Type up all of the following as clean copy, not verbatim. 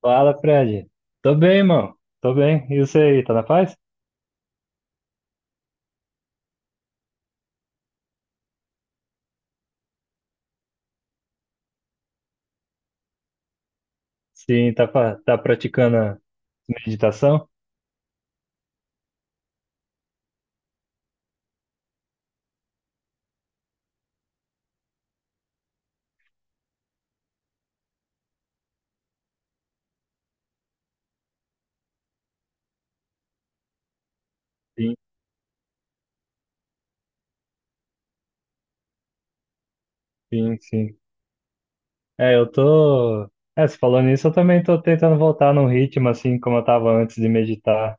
Fala, Fred. Tô bem, mano. Tô bem. E você aí, tá na paz? Sim, tá, tá praticando a meditação? Sim, sim, sim. É, eu tô. É, se falando nisso, eu também tô tentando voltar num ritmo assim como eu tava antes de meditar.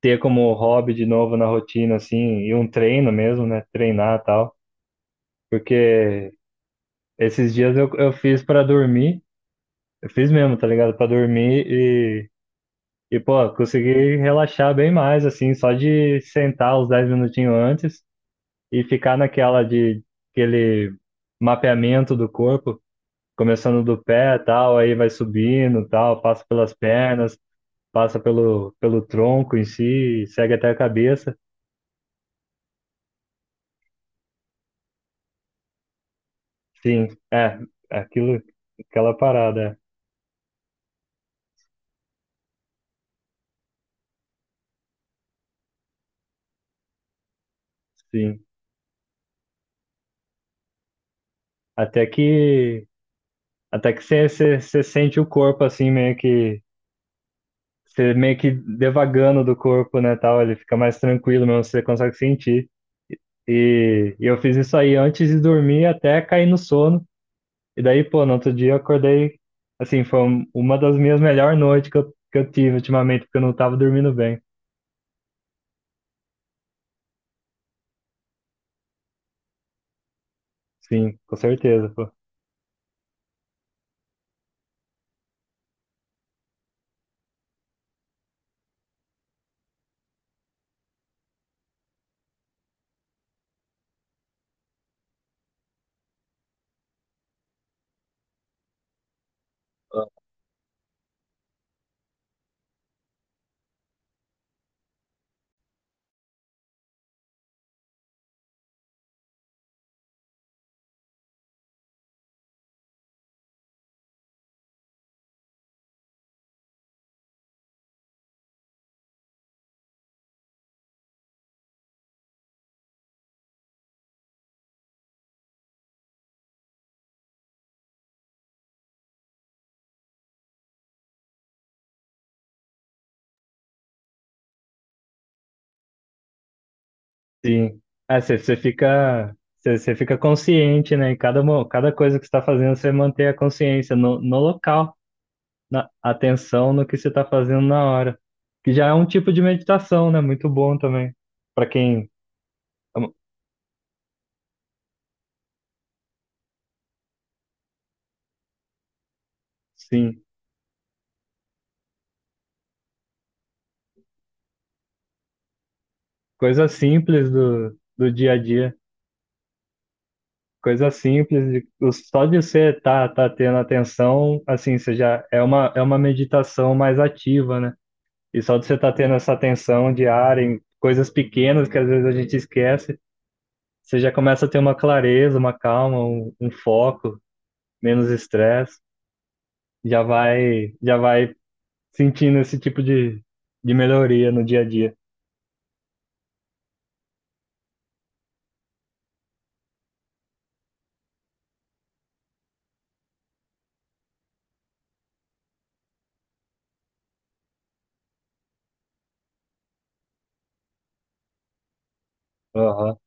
Ter como hobby de novo na rotina, assim, e um treino mesmo, né? Treinar e tal. Porque esses dias eu fiz pra dormir. Eu fiz mesmo, tá ligado? Pra dormir. E, pô, consegui relaxar bem mais, assim, só de sentar os 10 minutinhos antes e ficar naquela de aquele mapeamento do corpo, começando do pé, tal, aí vai subindo, tal, passa pelas pernas, passa pelo tronco em si, segue até a cabeça. Sim, é, aquilo, aquela parada, é. Sim. Até que, até que você sente o corpo, assim, meio que você meio que devagando do corpo, né, tal, ele fica mais tranquilo mesmo, você consegue sentir. E eu fiz isso aí antes de dormir até cair no sono. E daí, pô, no outro dia eu acordei, assim, foi uma das minhas melhores noites que eu tive ultimamente, porque eu não tava dormindo bem. Sim, com certeza, pô. Sim. É, você fica consciente, né? Em cada, cada coisa que você está fazendo, você mantém a consciência no local. Na atenção no que você está fazendo na hora, que já é um tipo de meditação, né? Muito bom também para quem, sim, coisa simples do dia a dia, coisa simples só de você tá tendo atenção, assim, você já é uma meditação mais ativa, né? E só de você estar tendo essa atenção diária em coisas pequenas que às vezes a gente esquece, você já começa a ter uma clareza, uma calma, um foco, menos estresse, já vai sentindo esse tipo de melhoria no dia a dia. Aham.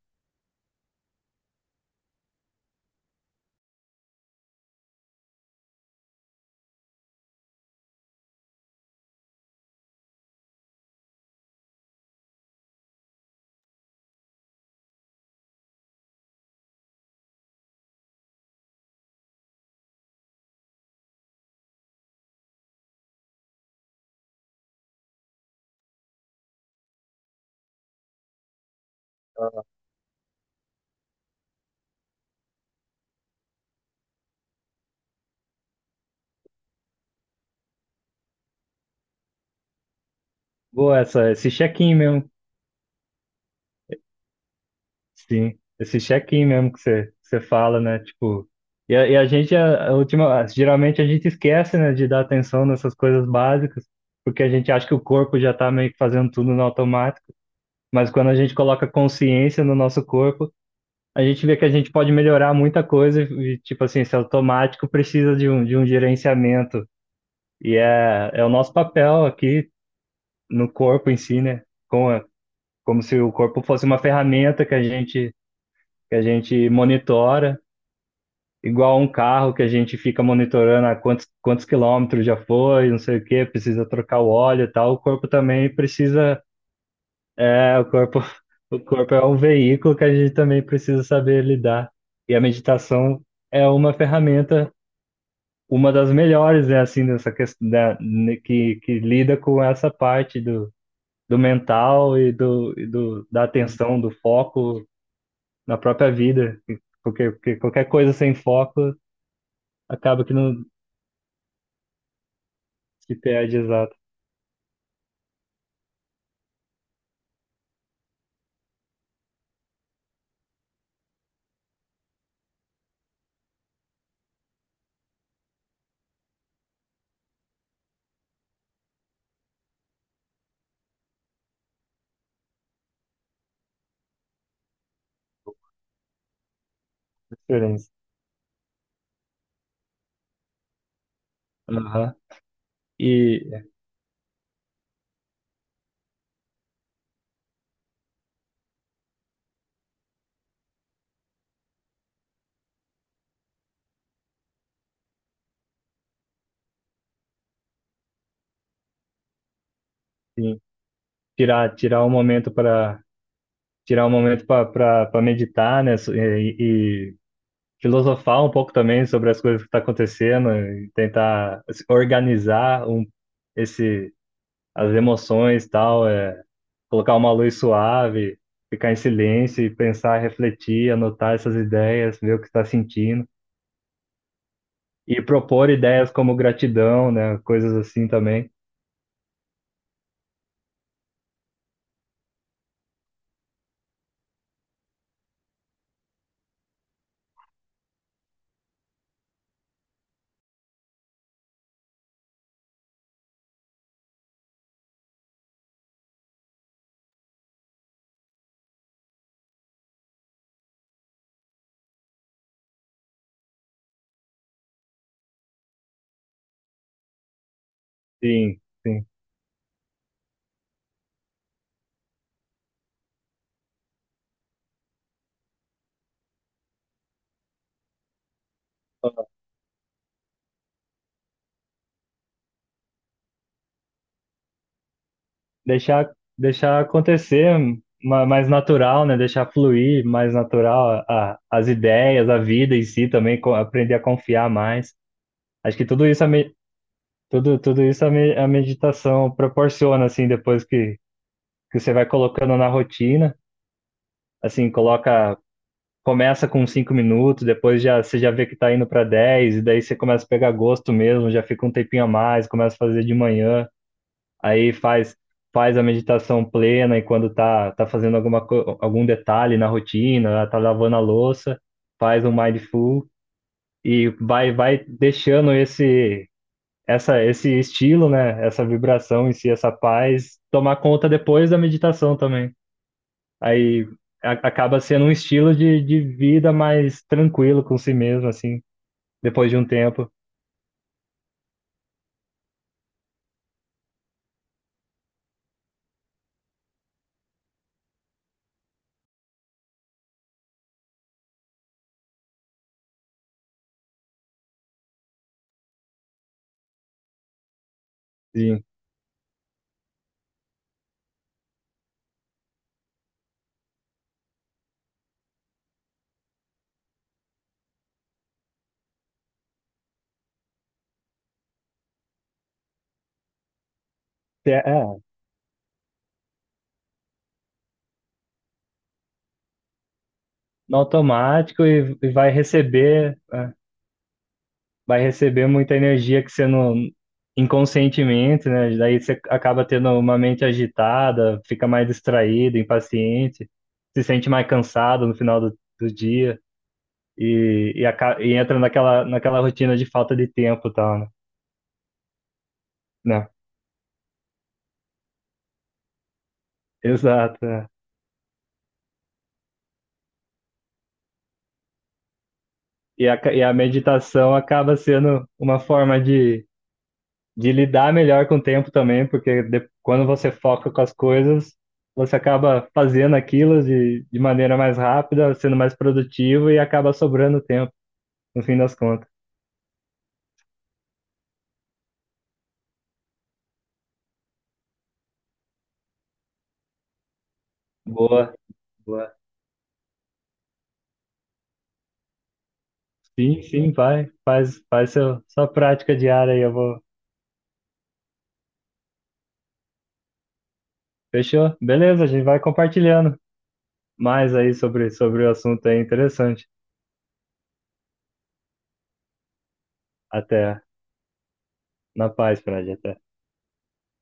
Boa, essa, esse check-in mesmo. Sim, esse check-in mesmo que você fala, né? Tipo, e a gente, a última, geralmente a gente esquece, né, de dar atenção nessas coisas básicas, porque a gente acha que o corpo já tá meio que fazendo tudo no automático, mas quando a gente coloca consciência no nosso corpo, a gente vê que a gente pode melhorar muita coisa e, tipo assim, esse automático precisa de um gerenciamento. E é o nosso papel aqui no corpo em si, né? Com a- como se o corpo fosse uma ferramenta que a gente monitora, igual um carro que a gente fica monitorando a quantos quilômetros já foi, não sei o quê, precisa trocar o óleo e tal. O corpo também precisa, é, o corpo, o corpo é um veículo que a gente também precisa saber lidar. E a meditação é uma ferramenta, uma das melhores, né, assim, dessa questão, da, né, que lida com essa parte do mental e do da atenção, do foco na própria vida. Porque qualquer coisa sem foco acaba que não que perde exato a diferença. Aham. E assim, tirar tirar um momento para tirar um momento para meditar, né? E filosofar um pouco também sobre as coisas que estão acontecendo e tentar assim, organizar um, esse as emoções e tal. É, colocar uma luz suave, ficar em silêncio e pensar, refletir, anotar essas ideias, ver o que está sentindo e propor ideias como gratidão, né? Coisas assim também. Sim, sim. Deixar, deixar acontecer mais natural, né? Deixar fluir mais natural as ideias, a vida em si também, aprender a confiar mais. Acho que tudo isso a meditação proporciona, assim, depois que você vai colocando na rotina, assim, coloca começa com 5 minutos, depois já você já vê que tá indo para 10 e daí você começa a pegar gosto mesmo, já fica um tempinho a mais, começa a fazer de manhã, aí faz a meditação plena e quando tá fazendo algum detalhe na rotina, tá lavando a louça, faz um mindful e vai deixando esse essa esse estilo, né, essa vibração em si, essa paz tomar conta depois da meditação também. Aí acaba sendo um estilo de vida mais tranquilo com si mesmo, assim, depois de um tempo. De, é, é, no automático e vai receber muita energia que você não, inconscientemente, né? Daí você acaba tendo uma mente agitada, fica mais distraído, impaciente, se sente mais cansado no final do dia e entra naquela rotina de falta de tempo e tal, né? Né? Exato. É. E a meditação acaba sendo uma forma de lidar melhor com o tempo também, porque quando você foca com as coisas, você acaba fazendo aquilo de maneira mais rápida, sendo mais produtivo e acaba sobrando tempo, no fim das contas. Boa, boa. Sim, sim, vai. Faz seu, sua prática diária aí, eu vou. Fechou? Beleza, a gente vai compartilhando mais aí sobre o assunto aí, interessante. Até na paz, Fred. Até.